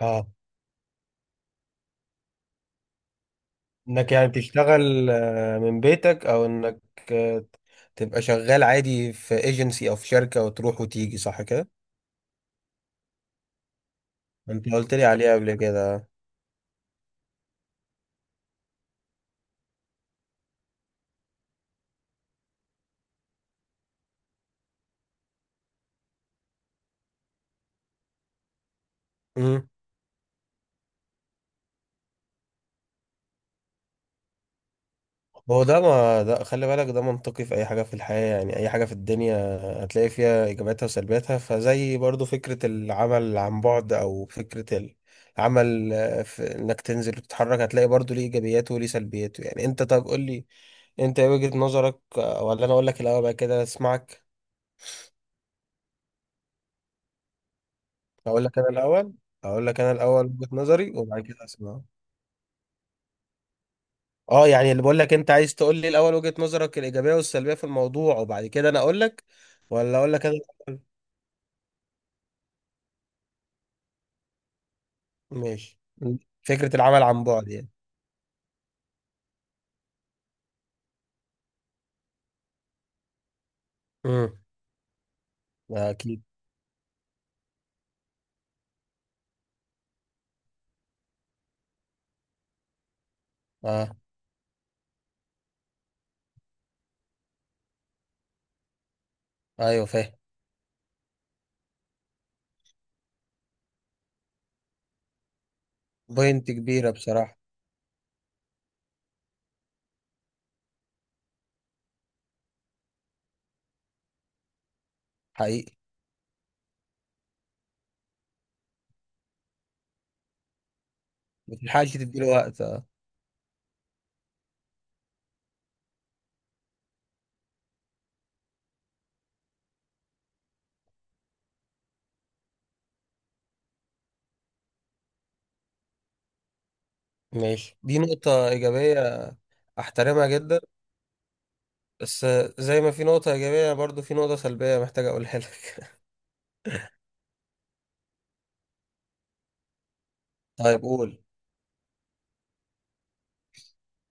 اه انك يعني تشتغل من بيتك، او انك آه، تبقى شغال عادي في ايجنسي او في شركة وتروح وتيجي، صح كده؟ انت قلت لي عليه قبل كده. امم. هو ده، ما ده خلي بالك، ده منطقي في اي حاجة في الحياة، يعني اي حاجة في الدنيا هتلاقي فيها ايجاباتها وسلبياتها، فزي برضو فكرة العمل عن بعد او فكرة العمل، في انك تنزل وتتحرك هتلاقي برضو ليه ايجابياته وليه سلبياته. يعني انت، طب قول لي انت ايه وجهة نظرك، ولا انا اقول لك الاول بقى كده اسمعك؟ اقول لك انا الاول اقول لك انا الاول وجهة نظري وبعد كده اسمع. اه، يعني اللي بقول لك، انت عايز تقول لي الاول وجهة نظرك الايجابيه والسلبيه في الموضوع وبعد كده انا اقول لك، ولا اقول لك انا الأول؟ ماشي. فكره العمل عن بعد يعني. امم. اكيد. اه. ايوه، فاهم. بوينت كبيره بصراحه. حقيقي. ما تلحقش تديله وقت، اه. ماشي، دي نقطه ايجابيه. احترمها جدا. بس زي ما في نقطه ايجابيه برضو في نقطه سلبيه، محتاج اقولها لك. طيب، قول.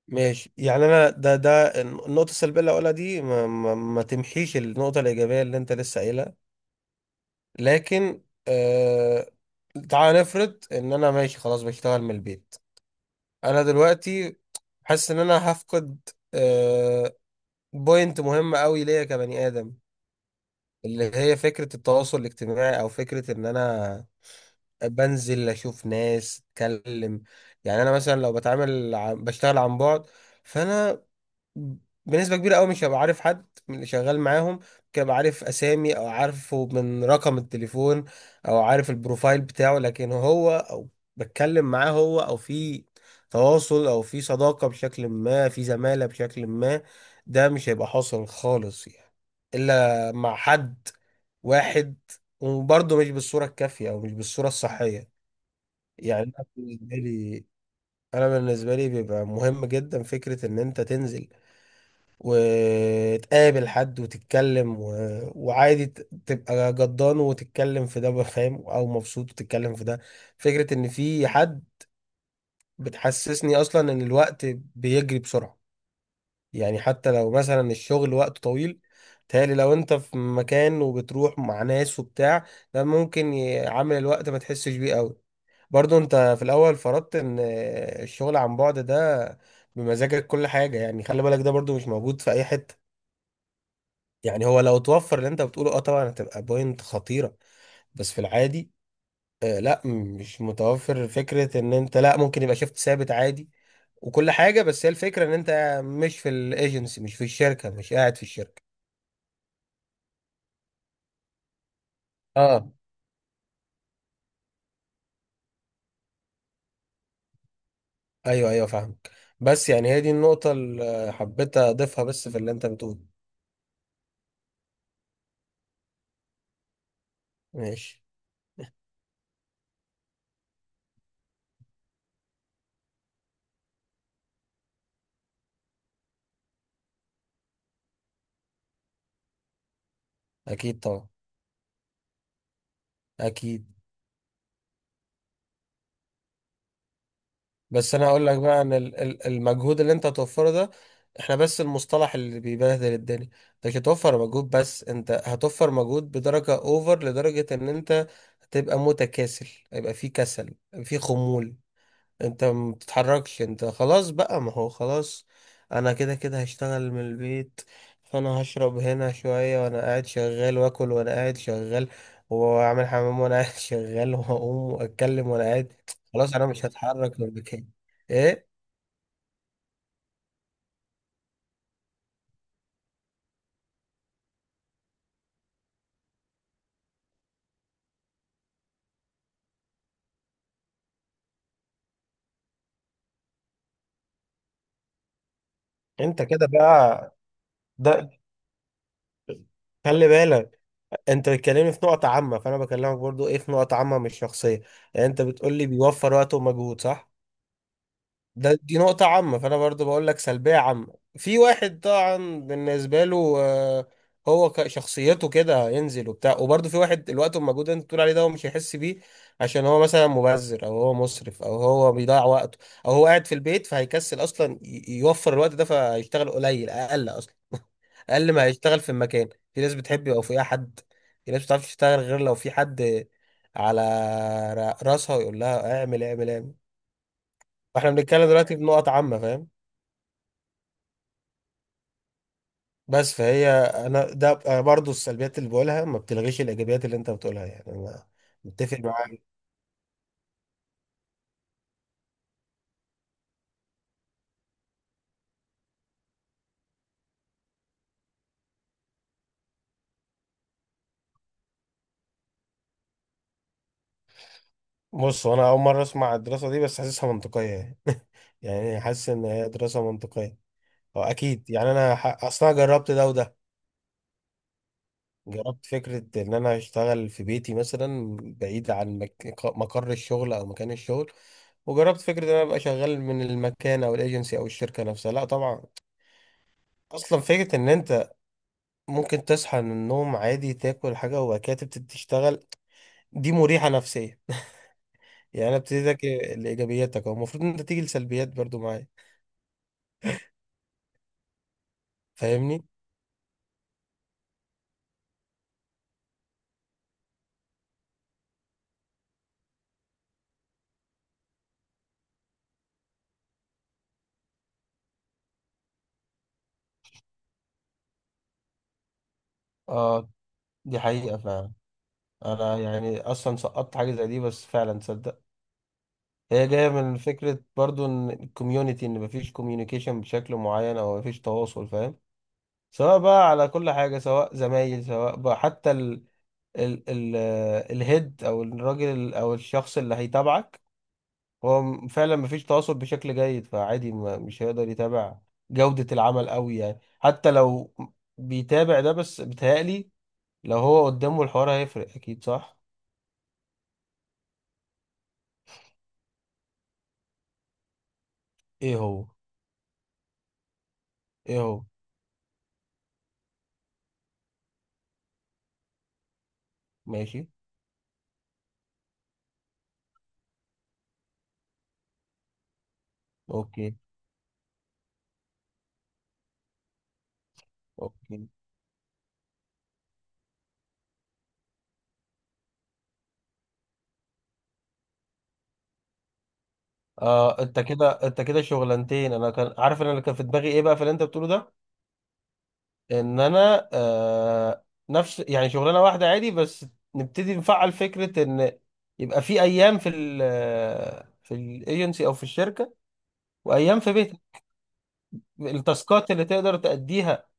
ماشي، يعني انا ده النقطه السلبيه اللي هقولها دي ما تمحيش النقطه الايجابيه اللي انت لسه قايلها. لكن تعال نفرض ان انا ماشي خلاص بشتغل من البيت. انا دلوقتي حاسس ان انا هفقد آه بوينت مهمه قوي ليا كبني ادم، اللي هي فكره التواصل الاجتماعي، او فكره ان انا بنزل اشوف ناس، اتكلم. يعني انا مثلا لو بشتغل عن بعد، فانا بنسبة كبيرة قوي مش هبقى عارف حد من اللي شغال معاهم. ممكن ابقى عارف اسامي، او عارفه من رقم التليفون، او عارف البروفايل بتاعه، لكن هو، او بتكلم معاه هو، او في تواصل او في صداقة بشكل ما، في زمالة بشكل ما، ده مش هيبقى حاصل خالص، يعني الا مع حد واحد، وبرضه مش بالصورة الكافية او مش بالصورة الصحية. يعني انا بالنسبة لي بيبقى مهم جدا فكرة ان انت تنزل وتقابل حد وتتكلم، وعادي تبقى جدان وتتكلم في ده، فاهم، او مبسوط وتتكلم في ده. فكرة ان في حد بتحسسني اصلا ان الوقت بيجري بسرعة، يعني حتى لو مثلا الشغل وقت طويل، تهيألي لو انت في مكان وبتروح مع ناس وبتاع، ده ممكن عامل الوقت ما تحسش بيه قوي. برضو انت في الاول فرضت ان الشغل عن بعد ده بمزاجك كل حاجة، يعني خلي بالك، ده برضو مش موجود في اي حتة. يعني هو لو توفر اللي انت بتقوله، اه، طبعا هتبقى بوينت خطيرة، بس في العادي لا مش متوفر فكرة ان انت، لا ممكن يبقى شيفت ثابت عادي وكل حاجة، بس هي الفكرة ان انت مش في الايجنسي، مش في الشركة، مش قاعد في الشركة. اه، ايوه، ايوه، فاهمك. بس يعني هي دي النقطة اللي حبيت اضيفها بس في اللي انت بتقوله. ماشي. اكيد طبعا. اكيد. بس انا هقول لك بقى ان المجهود اللي انت هتوفره ده، احنا بس المصطلح اللي بيبهدل الدنيا. انت مش هتوفر مجهود بس، انت هتوفر مجهود بدرجة اوفر، لدرجة ان انت هتبقى متكاسل. هيبقى في كسل، في خمول. انت ما بتتحركش، انت خلاص بقى، ما هو خلاص انا كده كده هشتغل من البيت، فانا هشرب هنا شوية وانا قاعد شغال، واكل وانا قاعد شغال، واعمل حمام وانا قاعد شغال، واقوم واتكلم وانا قاعد. خلاص، انا مش هتحرك من مكاني. ايه، انت كده بقى. ده خلي بالك، انت بتكلمني في نقطة عامة، فانا بكلمك برضو ايه، في نقطة عامة مش شخصية. يعني انت بتقولي بيوفر وقت ومجهود، صح، دي نقطة عامة. فأنا برضو بقول لك سلبية عامة، في واحد طبعا بالنسبة له، هو شخصيته كده هينزل وبتاع، وبرضو في واحد الوقت والمجهود اللي انت بتقول عليه ده هو مش هيحس بيه، عشان هو مثلا مبذر، أو هو مسرف، أو هو بيضيع وقته، أو هو قاعد في البيت فهيكسل أصلا يوفر الوقت ده، فهيشتغل قليل، أقل أصلا. أقل ما هيشتغل. في المكان في ناس بتحب يبقى فيها حد، في ناس بتعرفش تشتغل غير لو في حد على راسها ويقول لها اعمل اعمل اعمل. فاحنا بنتكلم دلوقتي بنقط عامة، فاهم. بس فهي، انا ده أنا برضو السلبيات اللي بقولها ما بتلغيش الايجابيات اللي انت بتقولها. يعني انا متفق معاك. بص، انا اول مره اسمع الدراسه دي، بس حاسسها منطقيه يعني. يعني حاسس ان هي دراسه منطقيه. هو اكيد، يعني انا اصلا جربت ده وده. جربت فكره ان انا اشتغل في بيتي مثلا بعيد عن مقر الشغل او مكان الشغل، وجربت فكره ان انا ابقى شغال من المكان او الايجنسي او الشركه نفسها. لا طبعا، اصلا فكره ان انت ممكن تصحى من النوم عادي، تاكل حاجة، وبعد كده تبتدي تشتغل، دي مريحة نفسيا. يعني انا ابتديتك لإيجابياتك، او المفروض ان انت تيجي لسلبيات برضو معايا، فاهمني. اه، دي حقيقة فعلا. انا يعني اصلا سقطت حاجة زي دي، بس فعلا تصدق، هي جاية من فكرة برضو ان الكوميونتي، ان مفيش كوميونيكيشن بشكل معين، او مفيش تواصل، فاهم، سواء بقى على كل حاجة، سواء زمايل، سواء بقى حتى ال ال ال الهيد او الراجل او الشخص اللي هيتابعك. هو فعلا مفيش تواصل بشكل جيد، فعادي ما مش هيقدر يتابع جودة العمل قوي، يعني حتى لو بيتابع ده بس، بيتهيألي لو هو قدامه الحوار هيفرق، أكيد، صح؟ إيه هو؟ إيه هو؟ ماشي. أوكي. أوكي. أنت كده شغلانتين. أنا كان عارف، إن أنا كان في دماغي إيه بقى في اللي أنت بتقوله ده، إن أنا نفس، يعني شغلانة واحدة عادي، بس نبتدي نفعل فكرة إن يبقى في أيام في الايجنسي أو في الشركة، وايام في بيتك. التاسكات اللي تقدر تأديها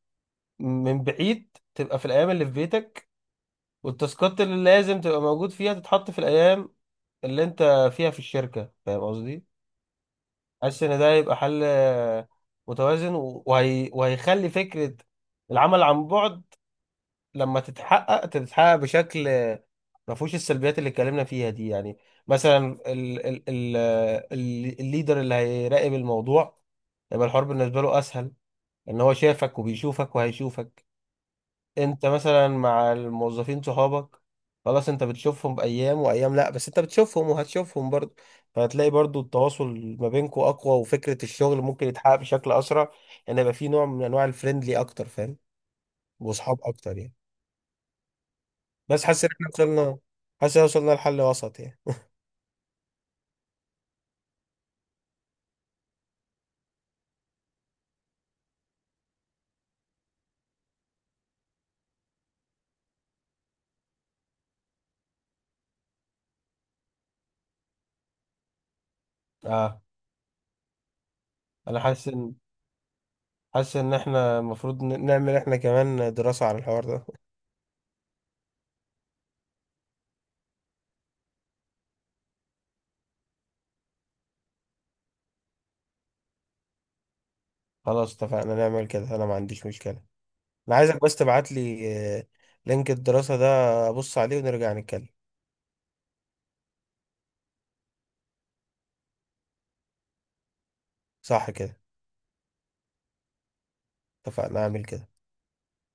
من بعيد تبقى في الايام اللي في بيتك، والتاسكات اللي لازم تبقى موجود فيها تتحط في الايام اللي انت فيها في الشركة، فاهم قصدي. حاسس ان ده هيبقى حل متوازن، وهيخلي فكرة العمل عن بعد لما تتحقق بشكل ما فيهوش السلبيات اللي اتكلمنا فيها دي. يعني مثلا الليدر اللي هيراقب الموضوع، يبقى الحوار بالنسبة له اسهل، ان هو شافك وبيشوفك وهيشوفك. انت مثلا مع الموظفين صحابك، خلاص انت بتشوفهم بايام وايام لا، بس انت بتشوفهم وهتشوفهم برضه، فهتلاقي برضه التواصل ما بينكم اقوى، وفكرة الشغل ممكن يتحقق بشكل اسرع، ان يبقى في نوع من انواع الفريندلي اكتر، فاهم، واصحاب اكتر يعني. بس حاسس ان احنا وصلنا، حاسس ان وصلنا لحل وسط يعني. اه، انا حاسس ان احنا المفروض نعمل احنا كمان دراسة على الحوار ده. خلاص اتفقنا نعمل كده، انا ما عنديش مشكلة. انا عايزك بس تبعت لي آه، لينك الدراسة ده، ابص عليه ونرجع نتكلم. صح كده. اتفقنا، اعمل كده.